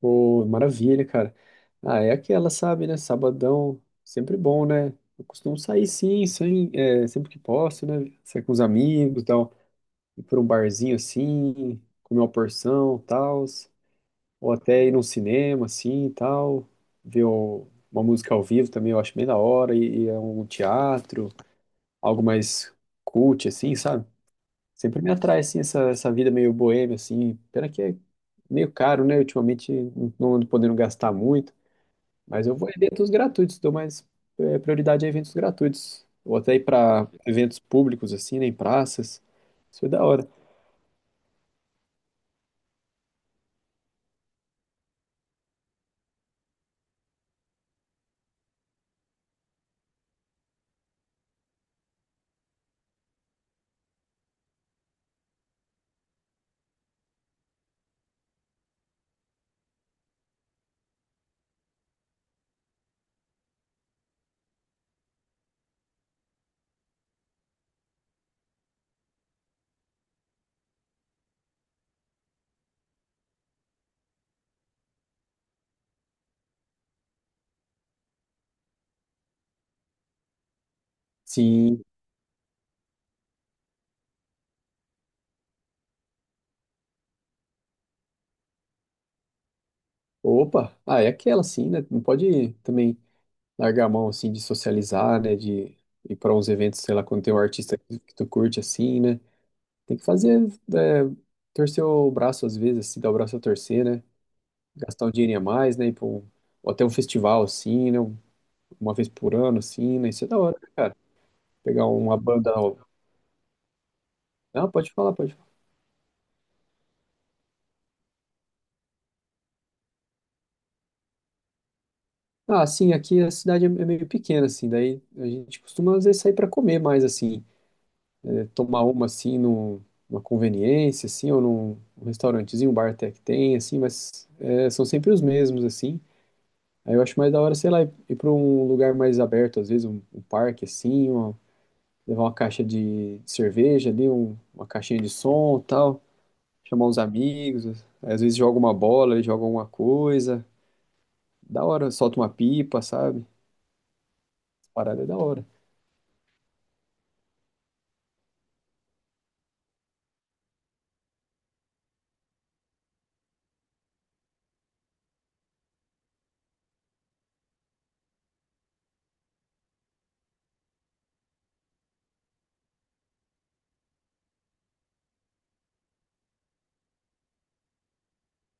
Pô, maravilha, cara. Ah, é aquela, sabe, né? Sabadão, sempre bom, né? Eu costumo sair sim, sem, é, sempre que posso, né? Sair com os amigos, tal, ir por um barzinho assim, comer uma porção, tal, ou até ir num cinema assim, tal, ver o- uma música ao vivo também, eu acho bem da hora, e, é um teatro, algo mais cult assim, sabe? Sempre me atrai assim essa vida meio boêmia assim, pena que é meio caro, né? Ultimamente não ando podendo gastar muito. Mas eu vou em eventos gratuitos, dou mais é, prioridade a eventos gratuitos. Ou até ir para eventos públicos, assim, né, em praças. Isso é da hora. Sim. Opa! Ah, é aquela, sim, né? Não pode também largar a mão, assim, de socializar, né? De ir para uns eventos, sei lá, quando tem um artista que tu curte, assim, né? Tem que fazer, é, torcer o braço, às vezes, assim, dar o braço a torcer, né? Gastar um dinheirinho a mais, né? Ou até um festival, assim, né? Uma vez por ano, assim, né? Isso é da hora, né, cara? Pegar uma banda. Não, pode falar, pode falar. Ah, sim, aqui a cidade é meio pequena, assim, daí a gente costuma, às vezes, sair para comer mais, assim, é, tomar uma, assim, numa conveniência, assim, ou num restaurantezinho, um bar até que tem, assim, mas é, são sempre os mesmos, assim. Aí eu acho mais da hora, sei lá, ir para um lugar mais aberto, às vezes um parque, assim, levar uma caixa de cerveja ali, uma caixinha de som tal, chamar uns amigos, às vezes joga uma bola, joga alguma coisa, da hora, solta uma pipa, sabe? Parada é da hora.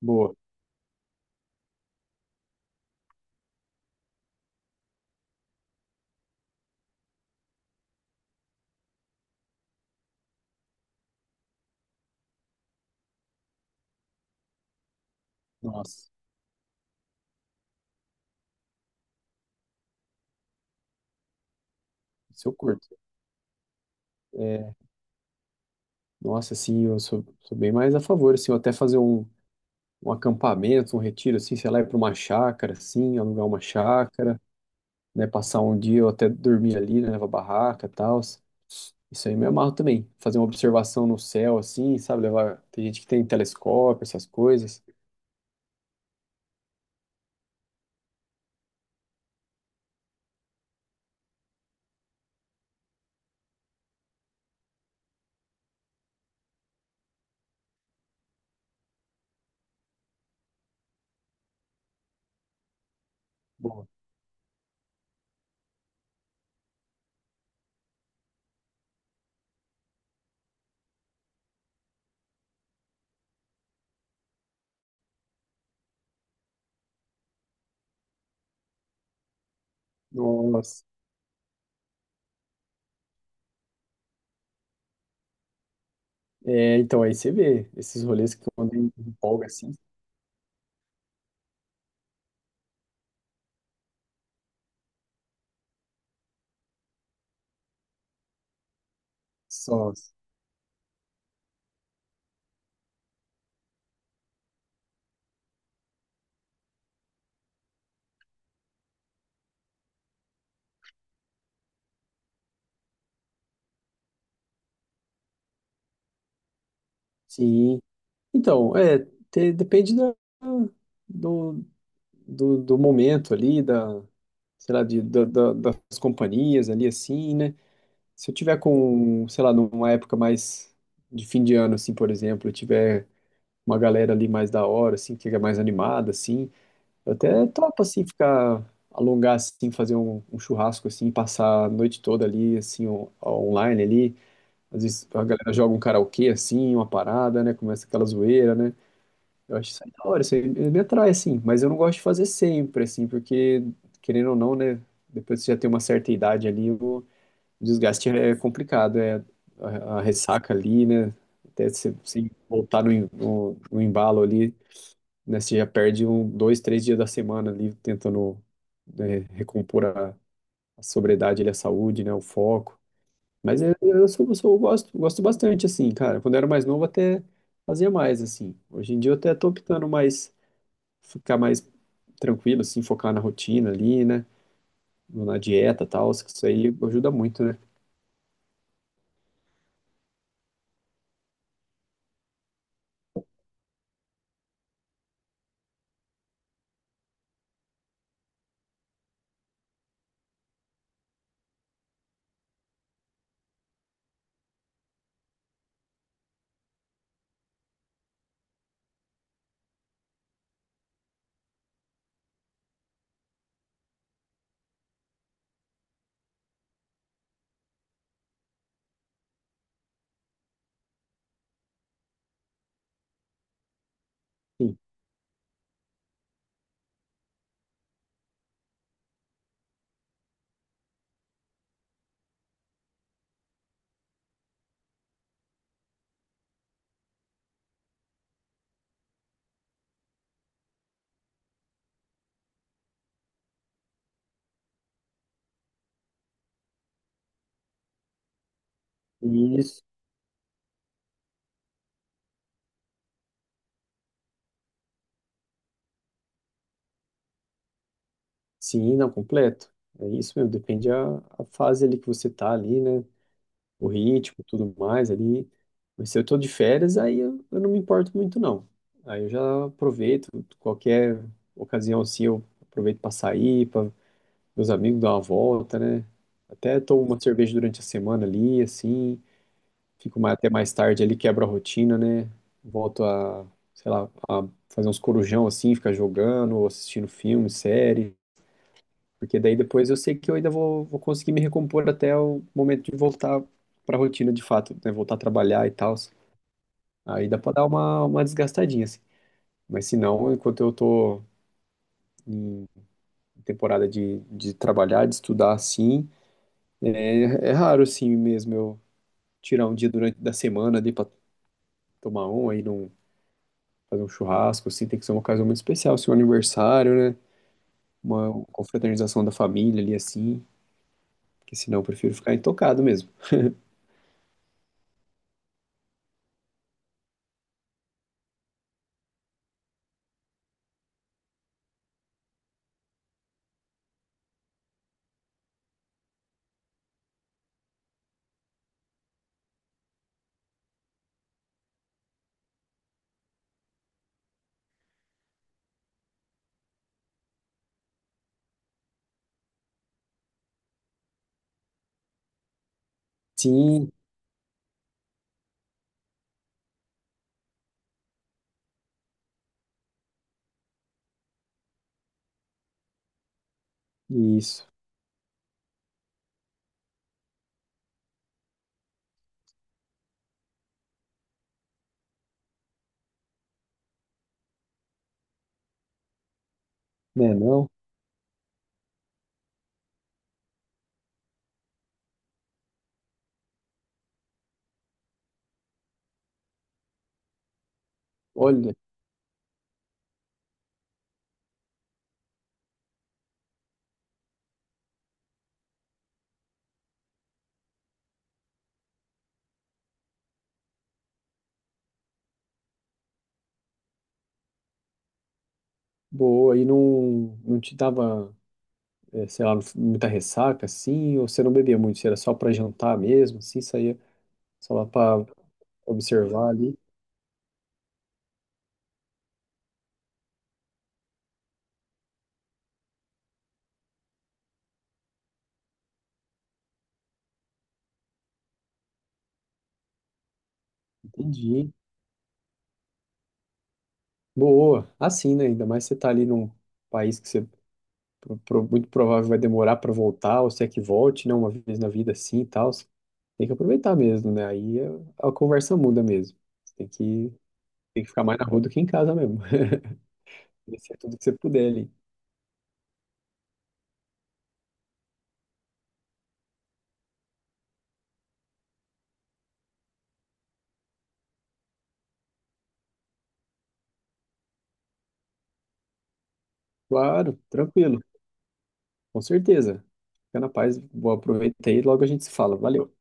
Boa. Nossa, isso eu curto. É, nossa, assim, sou bem mais a favor, assim, eu até fazer um acampamento, um retiro, assim, sei lá, ir para uma chácara, assim, alugar uma chácara, né, passar um dia ou até dormir ali, né, levar barraca e tal. Isso aí me amarro também. Fazer uma observação no céu, assim, sabe, levar. Tem gente que tem telescópio, essas coisas. Boa. Nossa. É, então, aí você vê, esses rolês que eu andei em folga, assim, só. Sim, então, é, te- depende da- do, do momento ali, da, sei lá, das companhias ali, assim, né? Se eu tiver com, sei lá, numa época mais de fim de ano, assim, por exemplo, eu tiver uma galera ali mais da hora, assim, que fica mais animada, assim, eu até topo, assim, ficar, alongar, assim, fazer um churrasco, assim, passar a noite toda ali, assim, online ali. Às vezes a galera joga um karaokê, assim, uma parada, né? Começa aquela zoeira, né? Eu acho isso aí da hora, isso aí me atrai, assim, mas eu não gosto de fazer sempre, assim, porque, querendo ou não, né, depois que você já tem uma certa idade ali, o desgaste é complicado, é a ressaca ali, né, até você voltar no embalo ali, né, você já perde um, dois, três dias da semana ali, tentando, né, recompor a sobriedade ali, a saúde, né, o foco, mas eu gosto, gosto bastante, assim, cara, quando eu era mais novo até fazia mais, assim, hoje em dia eu até tô optando mais ficar mais tranquilo, assim, focar na rotina ali, né? Na dieta e tal, isso aí ajuda muito, né? Sim, e isso, sim, não, completo. É isso mesmo, depende a fase ali que você tá ali, né? O ritmo, tudo mais ali. Mas se eu tô de férias, aí eu não me importo muito, não. Aí eu já aproveito qualquer ocasião assim, eu aproveito para sair, para meus amigos dar uma volta, né? Até tomo uma cerveja durante a semana ali, assim. Fico até mais tarde ali, quebro a rotina, né? Volto a, sei lá, a fazer uns corujão assim, ficar jogando, ou assistindo filme, série. Porque daí depois eu sei que eu ainda vou conseguir me recompor até o momento de voltar pra rotina de fato, né? Voltar a trabalhar e tal. Aí dá pra dar uma desgastadinha, assim. Mas se não, enquanto eu tô em temporada de trabalhar, de estudar assim, é, é raro assim mesmo eu tirar um dia durante da semana ali pra tomar um aí não fazer um churrasco, assim, tem que ser uma ocasião muito especial, assim, um aniversário, né? Uma confraternização da família ali, assim, porque senão eu prefiro ficar intocado mesmo. Sim, isso. Né, não? Olha, boa, e não, te dava, sei lá, muita ressaca, assim, ou você não bebia muito, você era só pra jantar mesmo, assim, saía só lá pra observar ali. Entendi. Boa, assim, né? Ainda mais você tá ali num país que você muito provável vai demorar pra voltar, ou se é que volte, né? Uma vez na vida assim e tal. Tem que aproveitar mesmo, né? Aí a conversa muda mesmo. Você tem que ficar mais na rua do que em casa mesmo. Conhecer tudo que você puder ali. Claro, tranquilo, com certeza. Fica na paz, vou aproveitar e logo a gente se fala. Valeu.